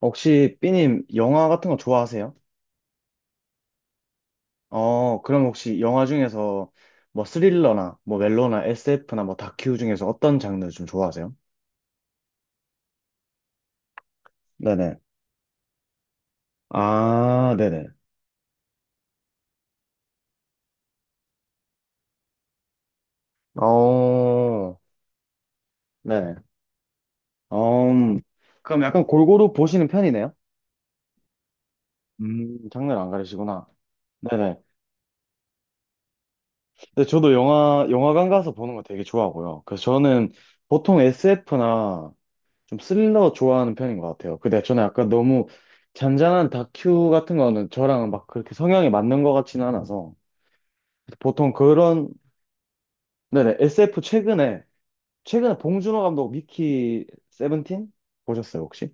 혹시 삐님 영화 같은 거 좋아하세요? 어, 그럼 혹시 영화 중에서 뭐 스릴러나 뭐 멜로나 SF나 뭐 다큐 중에서 어떤 장르 좀 좋아하세요? 네네. 아, 네네. 어, 네네. 어, 그럼 약간 골고루 보시는 편이네요? 장르를 안 가리시구나. 네네. 근데 저도 영화, 영화관 가서 보는 거 되게 좋아하고요. 그래서 저는 보통 SF나 좀 스릴러 좋아하는 편인 것 같아요. 근데 저는 약간 너무 잔잔한 다큐 같은 거는 저랑 막 그렇게 성향이 맞는 것 같지는 않아서 보통 그런, 네네, SF 최근에 봉준호 감독 미키 세븐틴 보셨어요 혹시?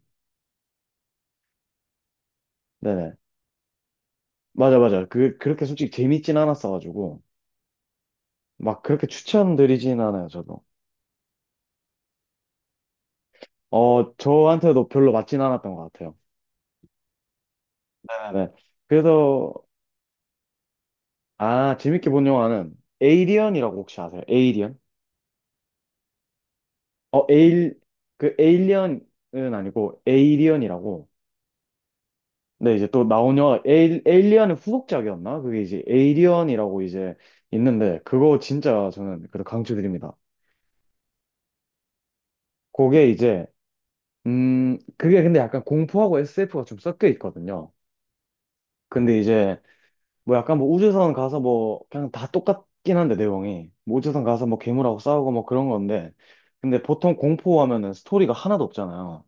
네네. 맞아, 맞아. 그 그렇게 솔직히 재밌진 않았어가지고 막 그렇게 추천드리진 않아요, 저도. 어, 저한테도 별로 맞진 않았던 것 같아요. 네네. 그래서, 아, 재밌게 본 영화는 에이리언이라고 혹시 아세요? 에이리언? 어, 그 에일리언은 아니고 에이리언이라고. 네, 이제 또 나온 영화, 에일리언의 후속작이었나? 그게 이제 에이리언이라고 이제 있는데, 그거 진짜 저는 그래도 강추드립니다. 그게 이제, 그게 근데 약간 공포하고 SF가 좀 섞여 있거든요. 근데 이제 뭐 약간, 뭐 우주선 가서 뭐 그냥 다 똑같긴 한데, 내용이 뭐 우주선 가서 뭐 괴물하고 싸우고 뭐 그런 건데, 근데 보통 공포하면은 스토리가 하나도 없잖아요.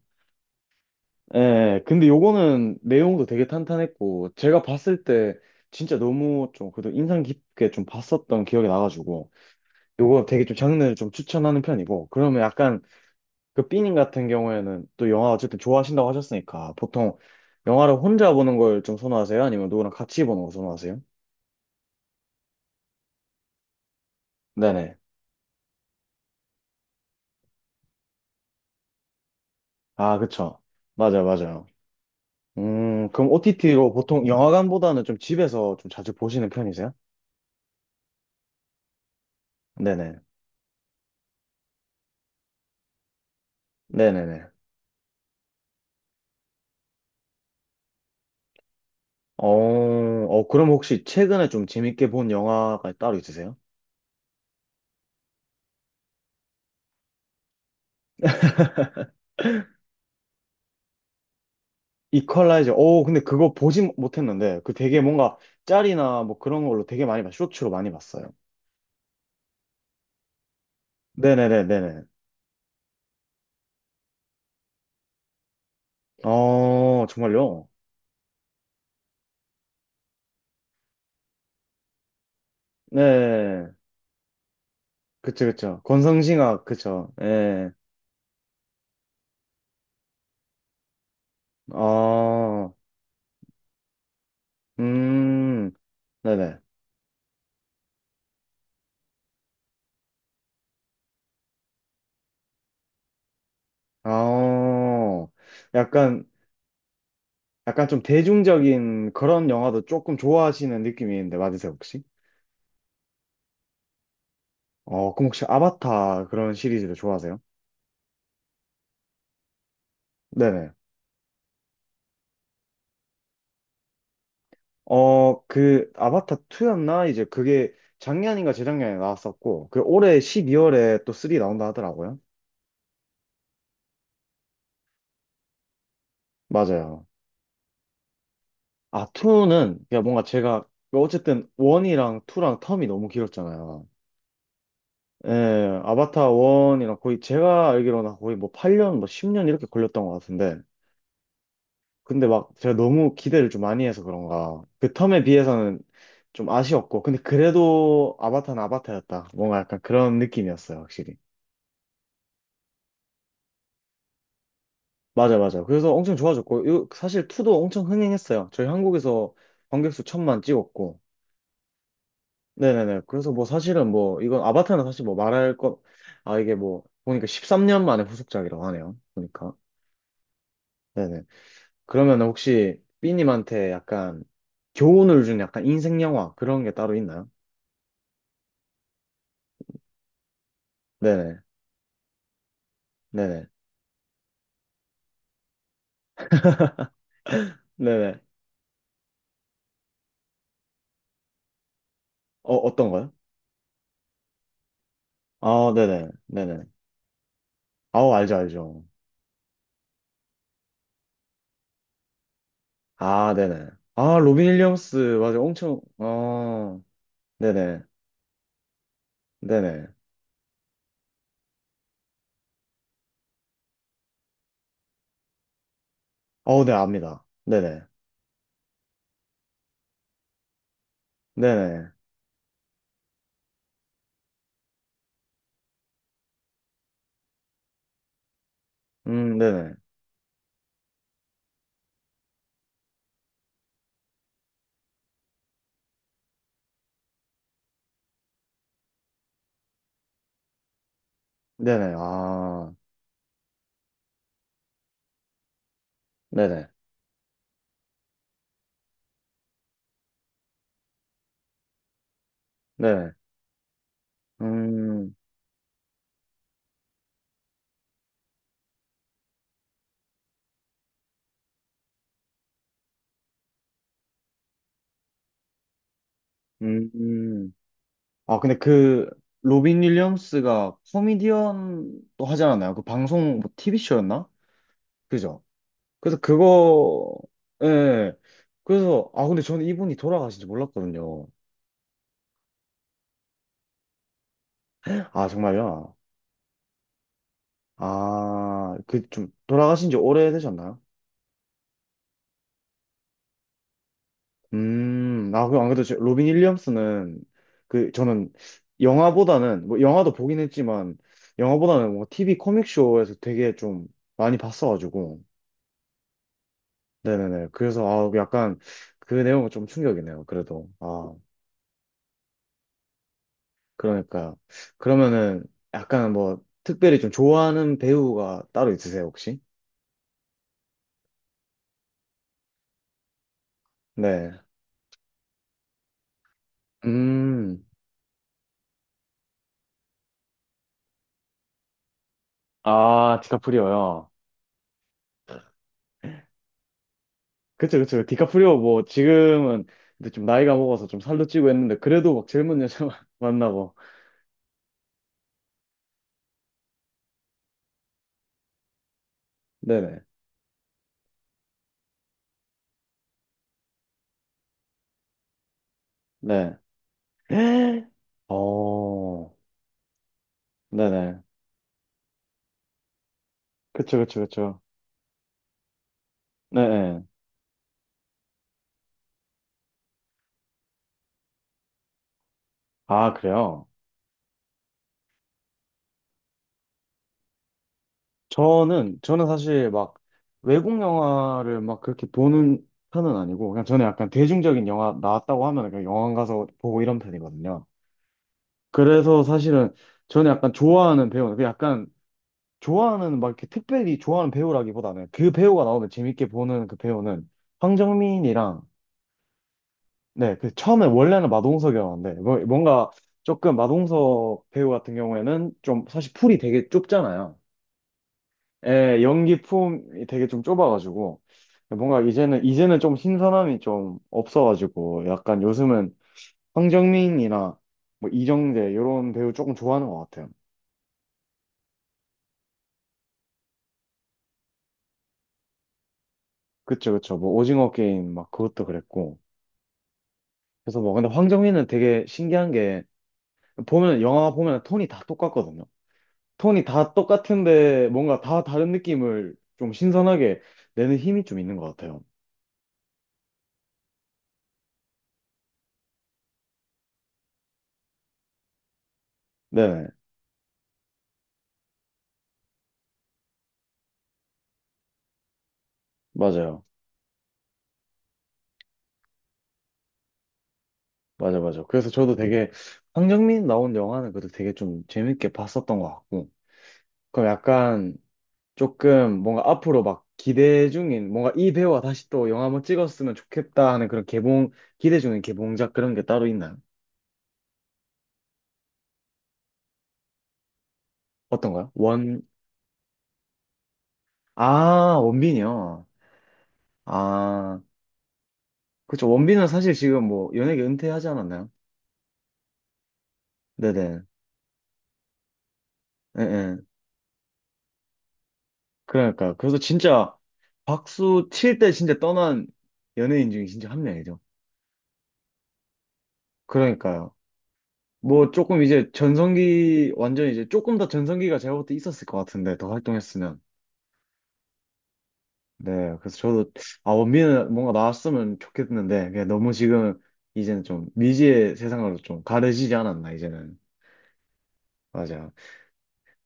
예, 근데 요거는 내용도 되게 탄탄했고, 제가 봤을 때 진짜 너무 좀 그래도 인상 깊게 좀 봤었던 기억이 나가지고, 요거 되게 좀 장르를 좀 추천하는 편이고, 그러면 약간 그 삐님 같은 경우에는 또 영화 어쨌든 좋아하신다고 하셨으니까, 보통 영화를 혼자 보는 걸 좀 선호하세요? 아니면 누구랑 같이 보는 걸 선호하세요? 네네. 아, 그쵸. 맞아요, 맞아요. 그럼 OTT로 보통 영화관보다는 좀 집에서 좀 자주 보시는 편이세요? 네네. 네네네. 어, 어, 그럼 혹시 최근에 좀 재밌게 본 영화가 따로 있으세요? 이퀄라이저. 어, 근데 그거 보진 못했는데, 그 되게 뭔가 짤이나 뭐 그런 걸로 되게 많이 봤, 쇼츠로 많이 봤어요. 네네네네네. 어, 정말요? 네. 그쵸, 그쵸. 권성징악, 그쵸. 예. 아, 음, 네네. 아, 약간, 약간 좀 대중적인 그런 영화도 조금 좋아하시는 느낌이 있는데, 맞으세요, 혹시? 어, 그럼 혹시 아바타 그런 시리즈도 좋아하세요? 네네. 어, 그 아바타 2였나? 이제 그게 작년인가 재작년에 나왔었고, 그 올해 12월에 또 3 나온다 하더라고요. 맞아요. 아, 2는 그냥 뭔가 제가 어쨌든 1이랑 2랑 텀이 너무 길었잖아요. 예, 아바타 1이랑 거의 제가 알기로는 거의 뭐 8년, 뭐 10년 이렇게 걸렸던 것 같은데, 근데 막 제가 너무 기대를 좀 많이 해서 그런가. 그 텀에 비해서는 좀 아쉬웠고. 근데 그래도 아바타는 아바타였다. 뭔가 약간 그런 느낌이었어요, 확실히. 맞아, 맞아. 그래서 엄청 좋아졌고. 이거 사실 2도 엄청 흥행했어요. 저희 한국에서 관객수 천만 찍었고. 네네네. 그래서 뭐 사실은 뭐, 이건 아바타는 사실 뭐 말할 것, 아, 이게 뭐, 보니까 13년 만에 후속작이라고 하네요. 보니까. 네네. 그러면 혹시 삐님한테 약간 교훈을 준 약간 인생 영화 그런 게 따로 있나요? 네네. 네네. 네네. 어, 어떤 거요? 아, 네네. 네네. 아우, 알죠, 알죠. 아, 네네. 아, 로빈 윌리엄스, 맞아. 엄청, 아, 네네. 네네. 어, 네, 압니다. 네네. 네네. 네네. 네네. 아, 네네. 네네. 음, 음. 아, 근데 그, 로빈 윌리엄스가 코미디언도 하지 않았나요? 그 방송, 뭐, TV쇼였나? 그죠? 그래서 그거, 예. 그래서, 아, 근데 저는 이분이 돌아가신지 몰랐거든요. 아, 정말요? 아, 그 좀, 돌아가신 지 오래되셨나요? 아, 그, 안 그래도 저- 로빈 윌리엄스는, 그, 저는 영화보다는, 뭐, 영화도 보긴 했지만, 영화보다는 뭐, TV 코믹쇼에서 되게 좀 많이 봤어가지고, 네네네. 그래서, 아, 약간, 그 내용은 좀 충격이네요, 그래도. 아. 그러니까 그러면은 약간 뭐 특별히 좀 좋아하는 배우가 따로 있으세요, 혹시? 네. 음. 아, 디카프리오요. 그쵸, 그쵸. 디카프리오 뭐 지금은 근데 좀 나이가 먹어서 좀 살도 찌고 했는데 그래도 막 젊은 여자 만나고. 네네. 네. 어. 네네. 그쵸, 그쵸, 그쵸. 네네. 아, 그래요? 저는, 저는 사실 막 외국 영화를 막 그렇게 보는 편은 아니고, 그냥 저는 약간 대중적인 영화 나왔다고 하면 그냥 영화관 가서 보고 이런 편이거든요. 그래서 사실은 저는 약간 좋아하는 배우는, 그 약간 좋아하는 막 이렇게 특별히 좋아하는 배우라기보다는 그 배우가 나오면 재밌게 보는 그 배우는 황정민이랑, 네, 그 처음에 원래는 마동석이었는데, 뭐- 뭔가 조금 마동석 배우 같은 경우에는 좀 사실 풀이 되게 좁잖아요. 예, 연기 품이 되게 좀 좁아가지고 뭔가 이제는 좀 신선함이 좀 없어가지고 약간 요즘은 황정민이나 뭐 이정재 이런 배우 조금 좋아하는 것 같아요. 그쵸, 그쵸. 뭐 오징어 게임 막 그것도 그랬고, 그래서 뭐 근데 황정민은 되게 신기한 게 보면, 영화 보면 톤이 다 똑같거든요. 톤이 다 똑같은데 뭔가 다 다른 느낌을 좀 신선하게 내는 힘이 좀 있는 것 같아요. 네, 맞아요. 맞아, 맞아. 그래서 저도 되게 황정민 나온 영화는 그래도 되게 좀 재밌게 봤었던 것 같고. 그럼 약간 조금 뭔가 앞으로 막 기대 중인 뭔가 이 배우가 다시 또 영화 한번 찍었으면 좋겠다 하는 그런 개봉, 기대 중인 개봉작 그런 게 따로 있나요? 어떤가요? 원, 아, 원빈이요. 아, 그쵸. 원빈은 사실 지금 뭐 연예계 은퇴하지 않았나요? 네네. 예, 예. 그러니까. 그래서 진짜 박수 칠 때 진짜 떠난 연예인 중에 진짜 한 명이죠. 그러니까요. 뭐 조금 이제 전성기 완전히 이제 조금 더 전성기가 제가 볼 때 있었을 것 같은데 더 활동했으면. 네, 그래서 저도, 아 원빈은 뭔가 나왔으면 좋겠는데 그냥 너무 지금 이제는 좀 미지의 세상으로 좀 가려지지 않았나 이제는. 맞아.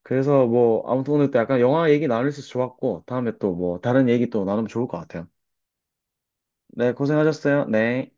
그래서 뭐 아무튼 오늘 또 약간 영화 얘기 나눌 수 있어서 좋았고, 다음에 또 뭐 다른 얘기 또 나누면 좋을 것 같아요. 네, 고생하셨어요. 네.